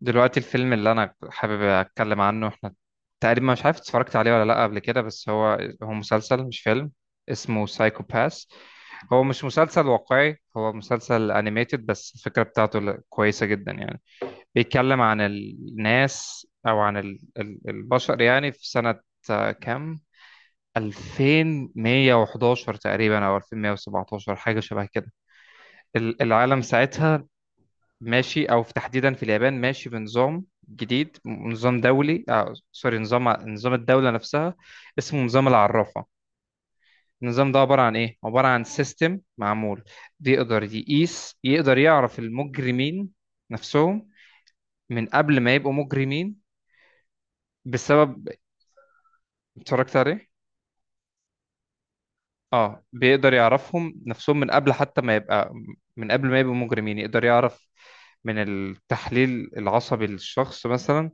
دلوقتي الفيلم اللي انا حابب اتكلم عنه احنا تقريبا مش عارف اتفرجت عليه ولا لا قبل كده، بس هو مسلسل مش فيلم. اسمه سايكو باس. هو مش مسلسل واقعي، هو مسلسل انيميتد، بس الفكرة بتاعته كويسة جدا يعني. بيتكلم عن الناس او عن البشر، يعني في سنة كام، 2111 تقريبا او 2117، حاجة شبه كده. العالم ساعتها ماشي، او في تحديدا في اليابان، ماشي بنظام جديد، نظام دولي، سوري، نظام الدوله نفسها، اسمه نظام العرافه. النظام ده عباره عن ايه؟ عباره عن سيستم معمول، بيقدر يقيس، يقدر يعرف المجرمين نفسهم من قبل ما يبقوا مجرمين. بسبب... اتفرجت عليه. اه، بيقدر يعرفهم نفسهم من قبل حتى ما يبقى، من قبل ما يبقوا مجرمين يقدر يعرف من التحليل العصبي للشخص مثلا،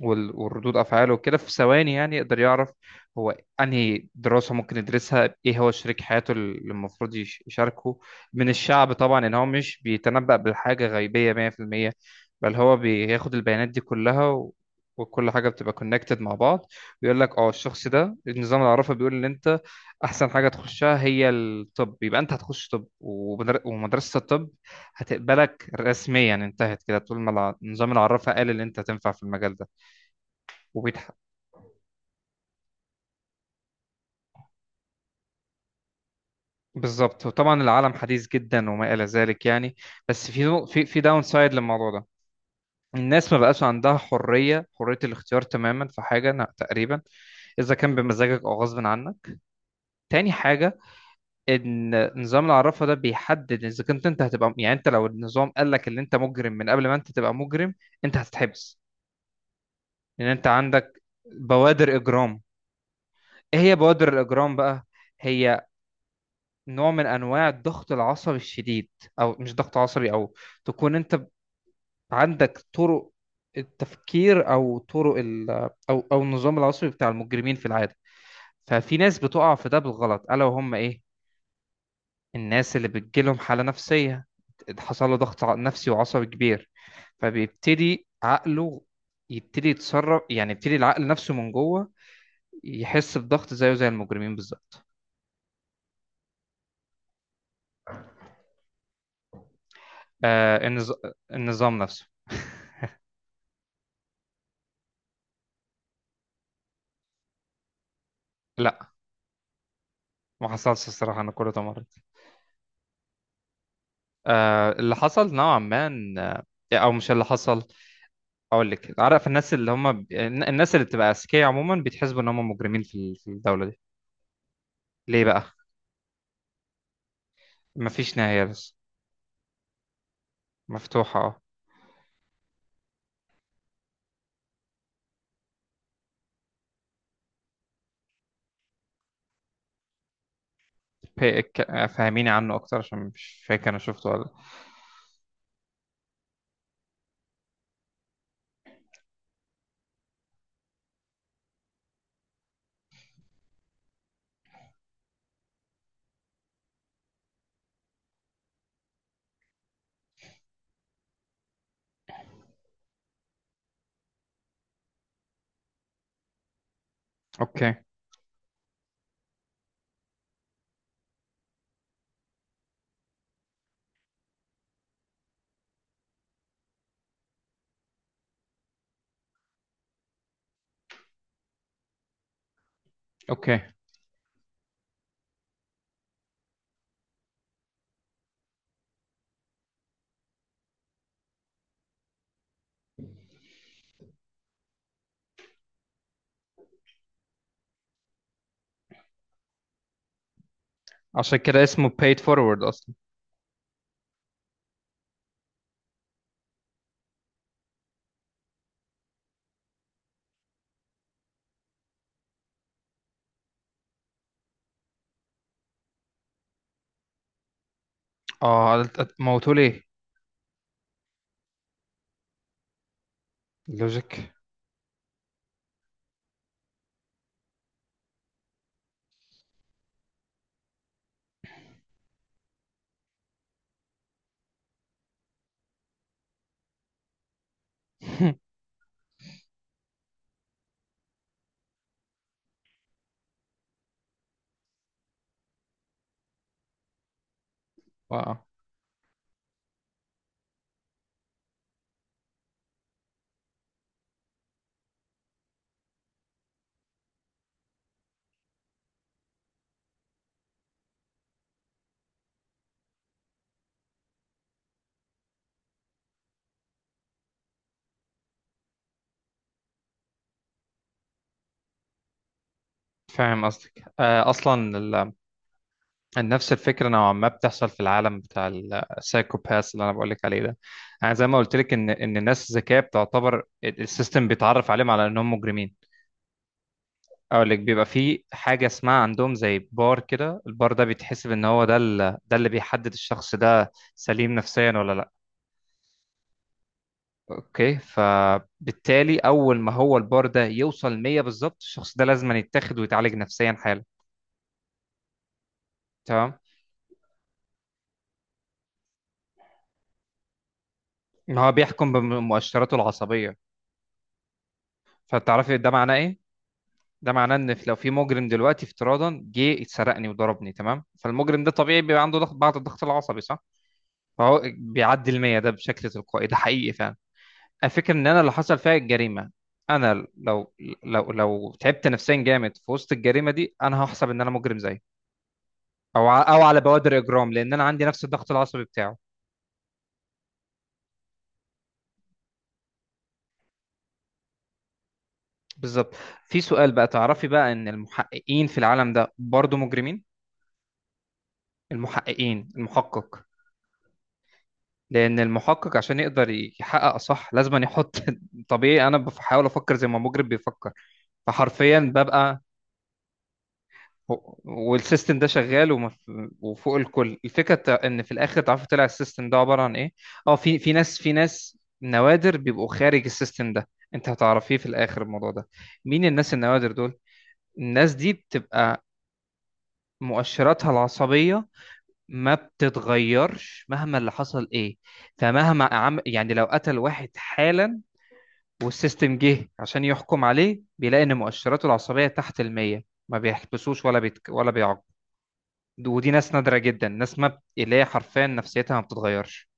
وردود افعاله وكده في ثواني، يعني يقدر يعرف هو انهي دراسه ممكن يدرسها، ايه هو شريك حياته اللي المفروض يشاركه من الشعب طبعا. ان هو مش بيتنبأ بالحاجه غيبيه 100%، بل هو بياخد البيانات دي كلها وكل حاجه بتبقى كونكتد مع بعض. بيقول لك اه، الشخص ده، النظام العرفي بيقول ان انت احسن حاجه تخشها هي الطب، يبقى انت هتخش طب ومدرسه الطب هتقبلك رسميا. انتهت كده، طول ما النظام العرفي قال ان انت هتنفع في المجال ده. وبيتح... بالظبط، وطبعا العالم حديث جدا وما إلى ذلك يعني. بس في في داون سايد للموضوع ده. الناس ما بقاش عندها حرية الاختيار تماما في حاجة، تقريبا. إذا كان بمزاجك أو غصب عنك. تاني حاجة، إن نظام العرافة ده بيحدد، إذا كنت أنت هتبقى يعني، أنت لو النظام قال لك إن أنت مجرم، من قبل ما أنت تبقى مجرم أنت هتتحبس، لأن أنت عندك بوادر إجرام. إيه هي بوادر الإجرام بقى؟ هي نوع من انواع الضغط العصبي الشديد، او مش ضغط عصبي، او تكون انت عندك طرق التفكير، او طرق او النظام العصبي بتاع المجرمين في العاده. ففي ناس بتقع في ده بالغلط، الا وهم ايه؟ الناس اللي بتجيلهم حاله نفسيه، حصل له ضغط نفسي وعصبي كبير، فبيبتدي عقله يبتدي يتصرف، يعني يبتدي العقل نفسه من جوه يحس بضغط زيه زي المجرمين بالظبط. آه النظ... النظام نفسه. لا، ما حصلش الصراحه، انا كله ده مرة. اللي حصل نوعا ما او مش اللي حصل. اقول لك، عارف الناس اللي هم الناس اللي بتبقى اذكياء عموما، بيتحسبوا ان هم مجرمين في في الدوله دي. ليه بقى؟ مفيش نهايه، بس مفتوحه. اه. فهميني عنه اكتر، عشان مش فاكر انا شفته ولا لأ. اوكي. اوكي. عشان كده اسمه paid forward اصلا. اه، موتوا ليه؟ لوجيك. واو. فاهم قصدك. اصلا نفس الفكرة نوعا ما بتحصل في العالم بتاع السايكوباث اللي أنا بقولك عليه ده. أنا زي ما قلت لك إن الناس ذكية بتعتبر السيستم بيتعرف عليهم على إنهم مجرمين. أقول لك، بيبقى في حاجة اسمها عندهم زي بار كده، البار ده بيتحسب إن هو ده، ده اللي بيحدد الشخص ده سليم نفسيا ولا لأ. أوكي، فبالتالي أول ما هو البار ده يوصل 100 بالظبط، الشخص ده لازم يتاخد ويتعالج نفسيا حالا. تمام. ما هو بيحكم بمؤشراته العصبية. فتعرفي ده معناه إيه؟ ده معناه ان لو في مجرم دلوقتي افتراضا جه اتسرقني وضربني، تمام، فالمجرم ده طبيعي بيبقى عنده ضغط، بعض الضغط العصبي، صح؟ فهو بيعدي المية ده بشكل تلقائي، ده حقيقي فعلا. الفكرة ان انا اللي حصل فيها الجريمة، انا لو تعبت نفسيا جامد في وسط الجريمة دي، انا هحسب ان انا مجرم زيه، او على بوادر اجرام، لان انا عندي نفس الضغط العصبي بتاعه. بالظبط. في سؤال بقى، تعرفي بقى ان المحققين في العالم ده برضه مجرمين؟ المحقق، لان المحقق عشان يقدر يحقق صح لازم أن يحط طبيعي، انا بحاول افكر زي ما المجرم بيفكر، فحرفيا ببقى... والسيستم ده شغال وفوق الكل الفكره، ان في الاخر تعرفوا طلع السيستم ده عباره عن ايه. اه، في ناس نوادر بيبقوا خارج السيستم ده. انت هتعرفيه في الاخر، الموضوع ده، مين الناس النوادر دول؟ الناس دي بتبقى مؤشراتها العصبيه ما بتتغيرش مهما اللي حصل ايه. يعني لو قتل واحد حالا والسيستم جه عشان يحكم عليه، بيلاقي ان مؤشراته العصبيه تحت المية، ما بيحبسوش ولا ولا بيعاقب. ودي ناس نادره جدا، ناس ما بت... اللي هي حرفيا نفسيتها ما بتتغيرش.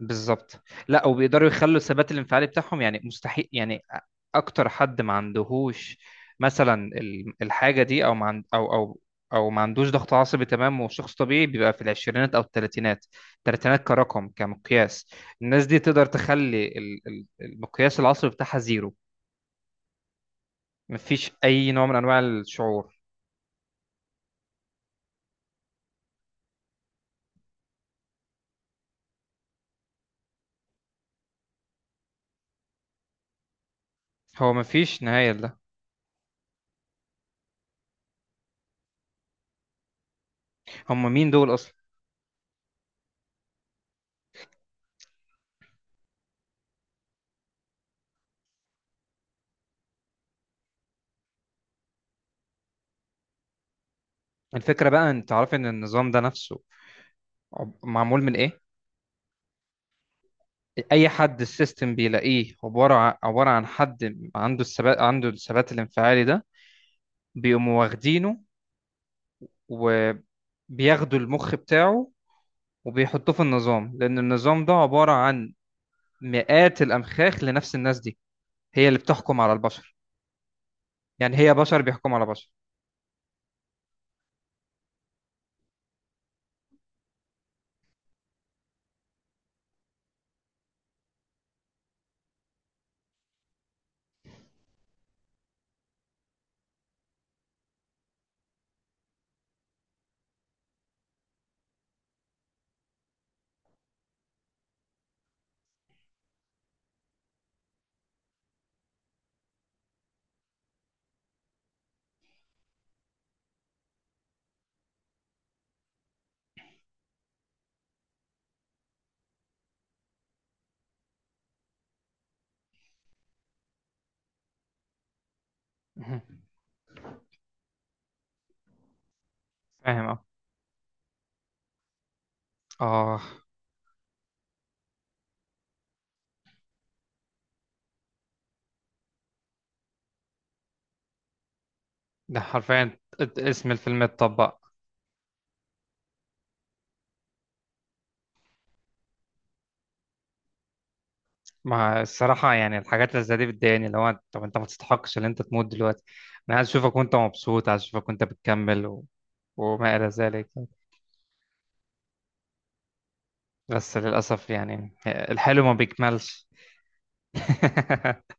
بالظبط، لا، وبيقدروا يخلوا الثبات الانفعالي بتاعهم، يعني مستحيل يعني اكتر حد ما عندهوش مثلا الحاجه دي، او ما عندوش ضغط عصبي. تمام، وشخص طبيعي بيبقى في العشرينات او الثلاثينات. الثلاثينات كرقم كمقياس. الناس دي تقدر تخلي المقياس العصبي بتاعها زيرو. مفيش اي نوع من انواع الشعور. هو مفيش نهايه لده. هم مين دول اصلا؟ الفكره بقى، انت عارف ان النظام ده نفسه معمول من ايه؟ اي حد السيستم بيلاقيه عباره عباره عن حد عنده الثبات، عنده الثبات الانفعالي ده، بيقوموا واخدينه، وبياخدوا المخ بتاعه، وبيحطوه في النظام، لان النظام ده عباره عن مئات الامخاخ لنفس الناس دي، هي اللي بتحكم على البشر. يعني هي بشر بيحكموا على بشر. مهم. فاهم، اه. آه. ده حرفيا اسم الفيلم اتطبق. ما الصراحة يعني، الحاجات اللي زي دي بتضايقني، اللي هو طب انت ما تستحقش ان انت تموت دلوقتي. انا عايز اشوفك وانت مبسوط، عايز اشوفك وانت بتكمل وما الى ذلك. بس للاسف يعني الحلو ما بيكملش.